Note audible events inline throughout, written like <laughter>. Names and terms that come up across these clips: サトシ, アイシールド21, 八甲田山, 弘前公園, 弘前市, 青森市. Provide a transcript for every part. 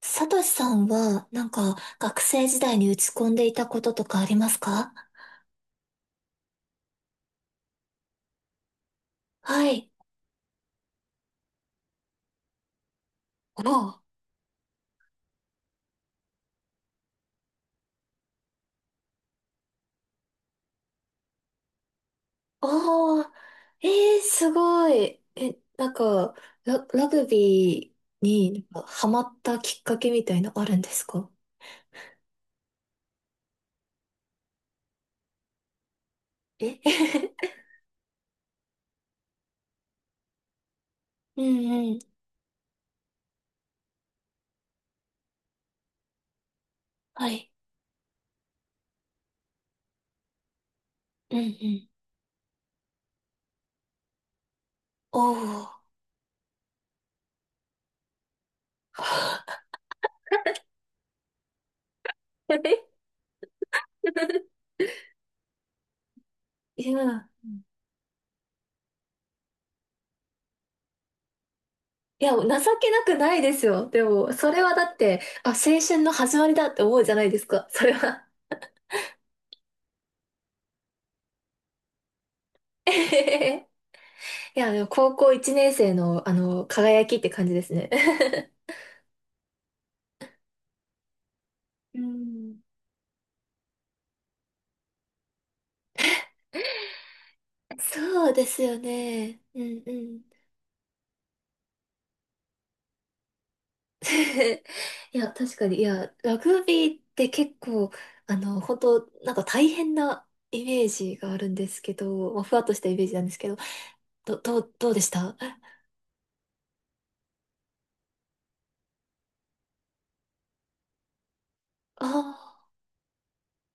サトシさんは、学生時代に打ち込んでいたこととかありますか？はい。ああ。ああ、えー、すごい。え、なんか、ラ、ラグビーになんかハマったきっかけみたいのあるんですか？え。 <laughs> うんうん。はい。うんうん。おー。<laughs> いや、いや、情けなくないですよ。でも、それはだって、あ、青春の始まりだって思うじゃないですか。それは。<laughs> いや、でも高校1年生の、輝きって感じですね。<laughs> うん。そうですよね。うんうん。<laughs> いや、確かに、いや、ラグビーって結構、あの、本当なんか大変なイメージがあるんですけど、まあ、ふわっとしたイメージなんですけど、どうでしたあ？あ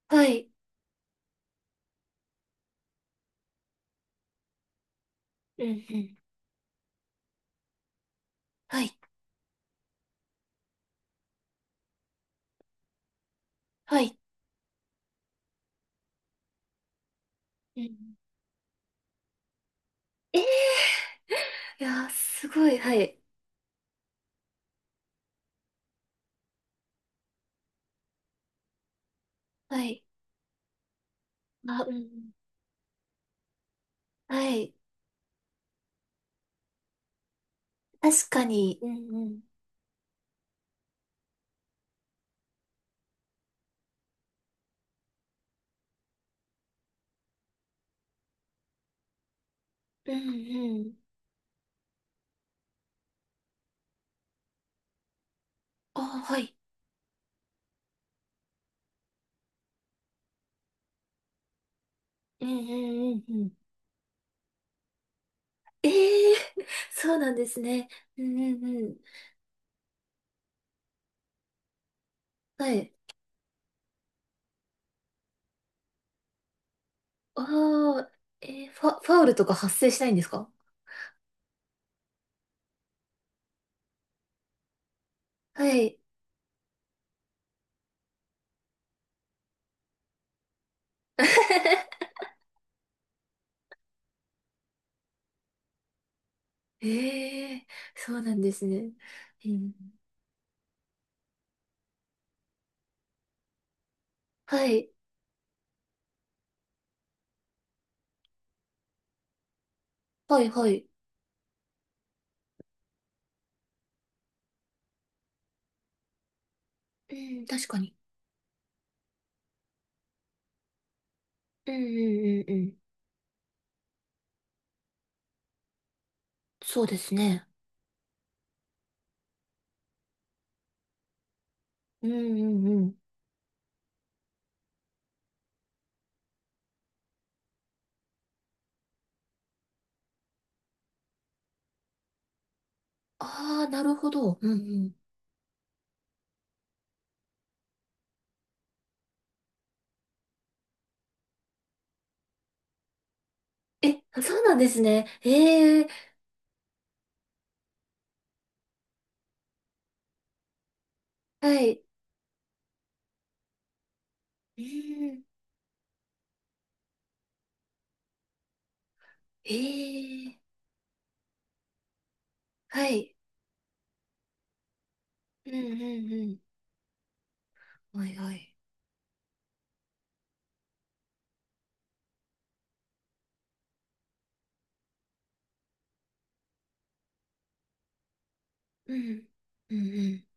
ー、はい。うんうん。はい。はい。うん。ええ。いやー、すごい。はい。はい。あ、うんうん。はい。確かに。うんうん。うんうん。あ、はい。うんうんうんうん。ええー。 <laughs> そうなんですね。うんうんうん。はい。ああ、えー、ファウルとか発生しないんですか？はい。<laughs> ええー、そうなんですね。うん。はい。はいはい。うん、確かに。うんうんうんうん。そうですね。うんうんうん。ああ、なるほど。うんうん。え、そうなんですね。ええ。はい。うん。ええ。はい。うんうんうん。はいはい。うん。うんうん。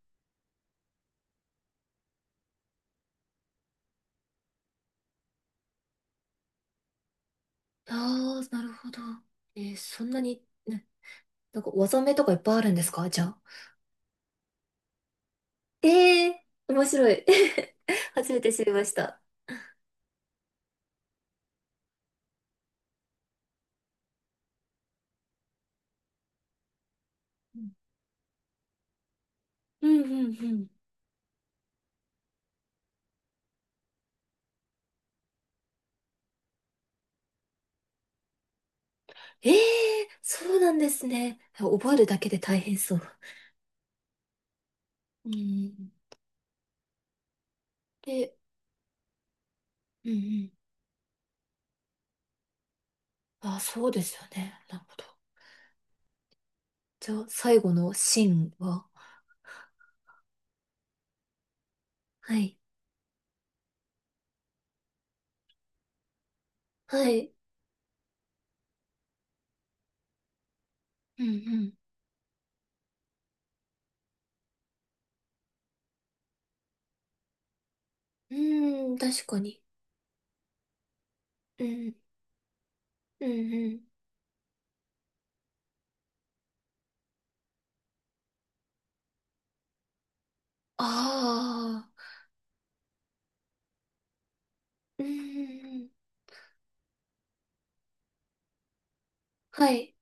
ああ、なるほど。えー、そんなに、ね、なんか技名とかいっぱいあるんですかじゃあ？ええー、面白い。<laughs> 初めて知りました。うんうんうんうん。ええー、そうなんですね。覚えるだけで大変そう。うん。で、うんうん。あ、そうですよね。なるほど。じゃあ、最後のシーンは？はい。はい。うんうん。うーん、確かに。うん、うん、うん。ああ、うん、はい。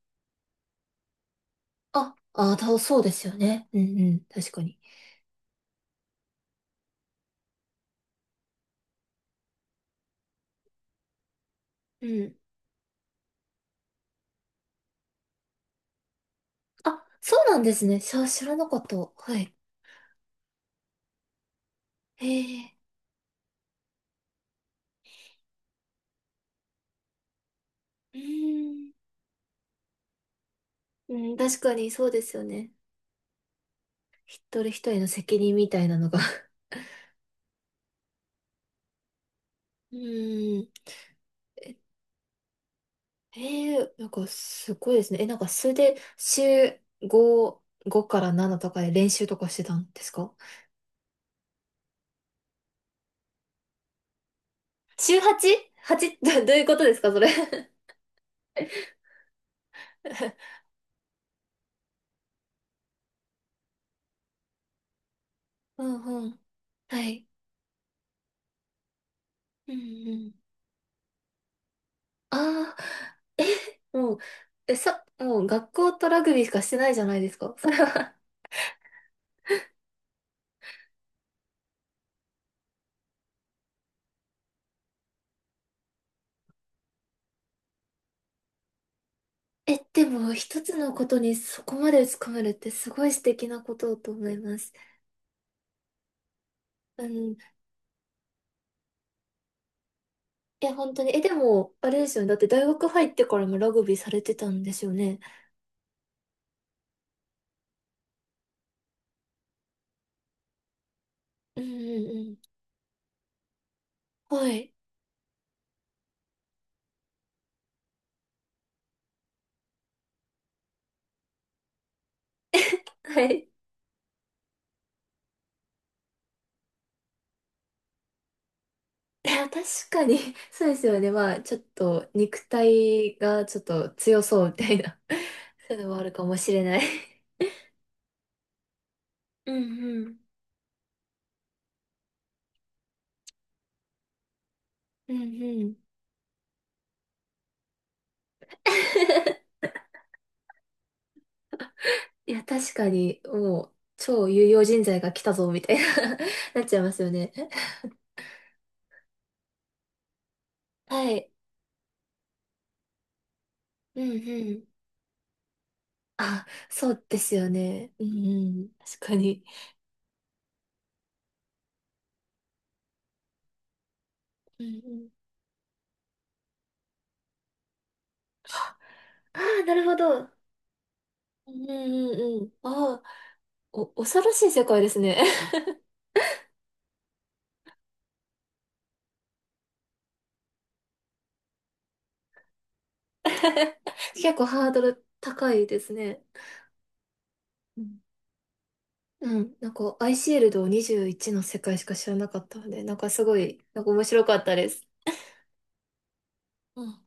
そうですよね。うんうん、確かに。うん。あ、そうなんですね。知らなかった。はい。へえ、うん、うん、確かにそうですよね。一人一人の責任みたいなのが。うん。え、えーなんかすごいですね。え、なんかそれで週5から7とかで練習とかしてたんですか？週 8?8? どどういうことですか、それ。 <laughs> うんうん。はい。うんうん。ああー、え、もう、もう学校とラグビーしかしてないじゃないですか。<laughs> それは。え、でも、一つのことにそこまで打ち込めるってすごい素敵なことだと思います。うん。え、本当に。え、でも、あれですよね。だって大学入ってからもラグビーされてたんですよね。うんうんうん。はい。<laughs> はい。いや、確かに、<laughs> そうですよね。まあ、ちょっと、肉体がちょっと強そうみたいな、<laughs> そういうのもあるかもしれない。<laughs> うんうん。うんうん。<laughs> いや、確かに、もう、超有用人材が来たぞ、みたいな。 <laughs> なっちゃいますよね。はい。うんうん。あ、そうですよね。うんうん。確かに。うんうん。ああ、なるほど。うんうんうん。ああ、お、恐ろしい世界ですね。<laughs> 結構ハードル高いですね。うんうん、なんか、アイシールド21の世界しか知らなかったので、なんかすごい、なんか面白かったです。うん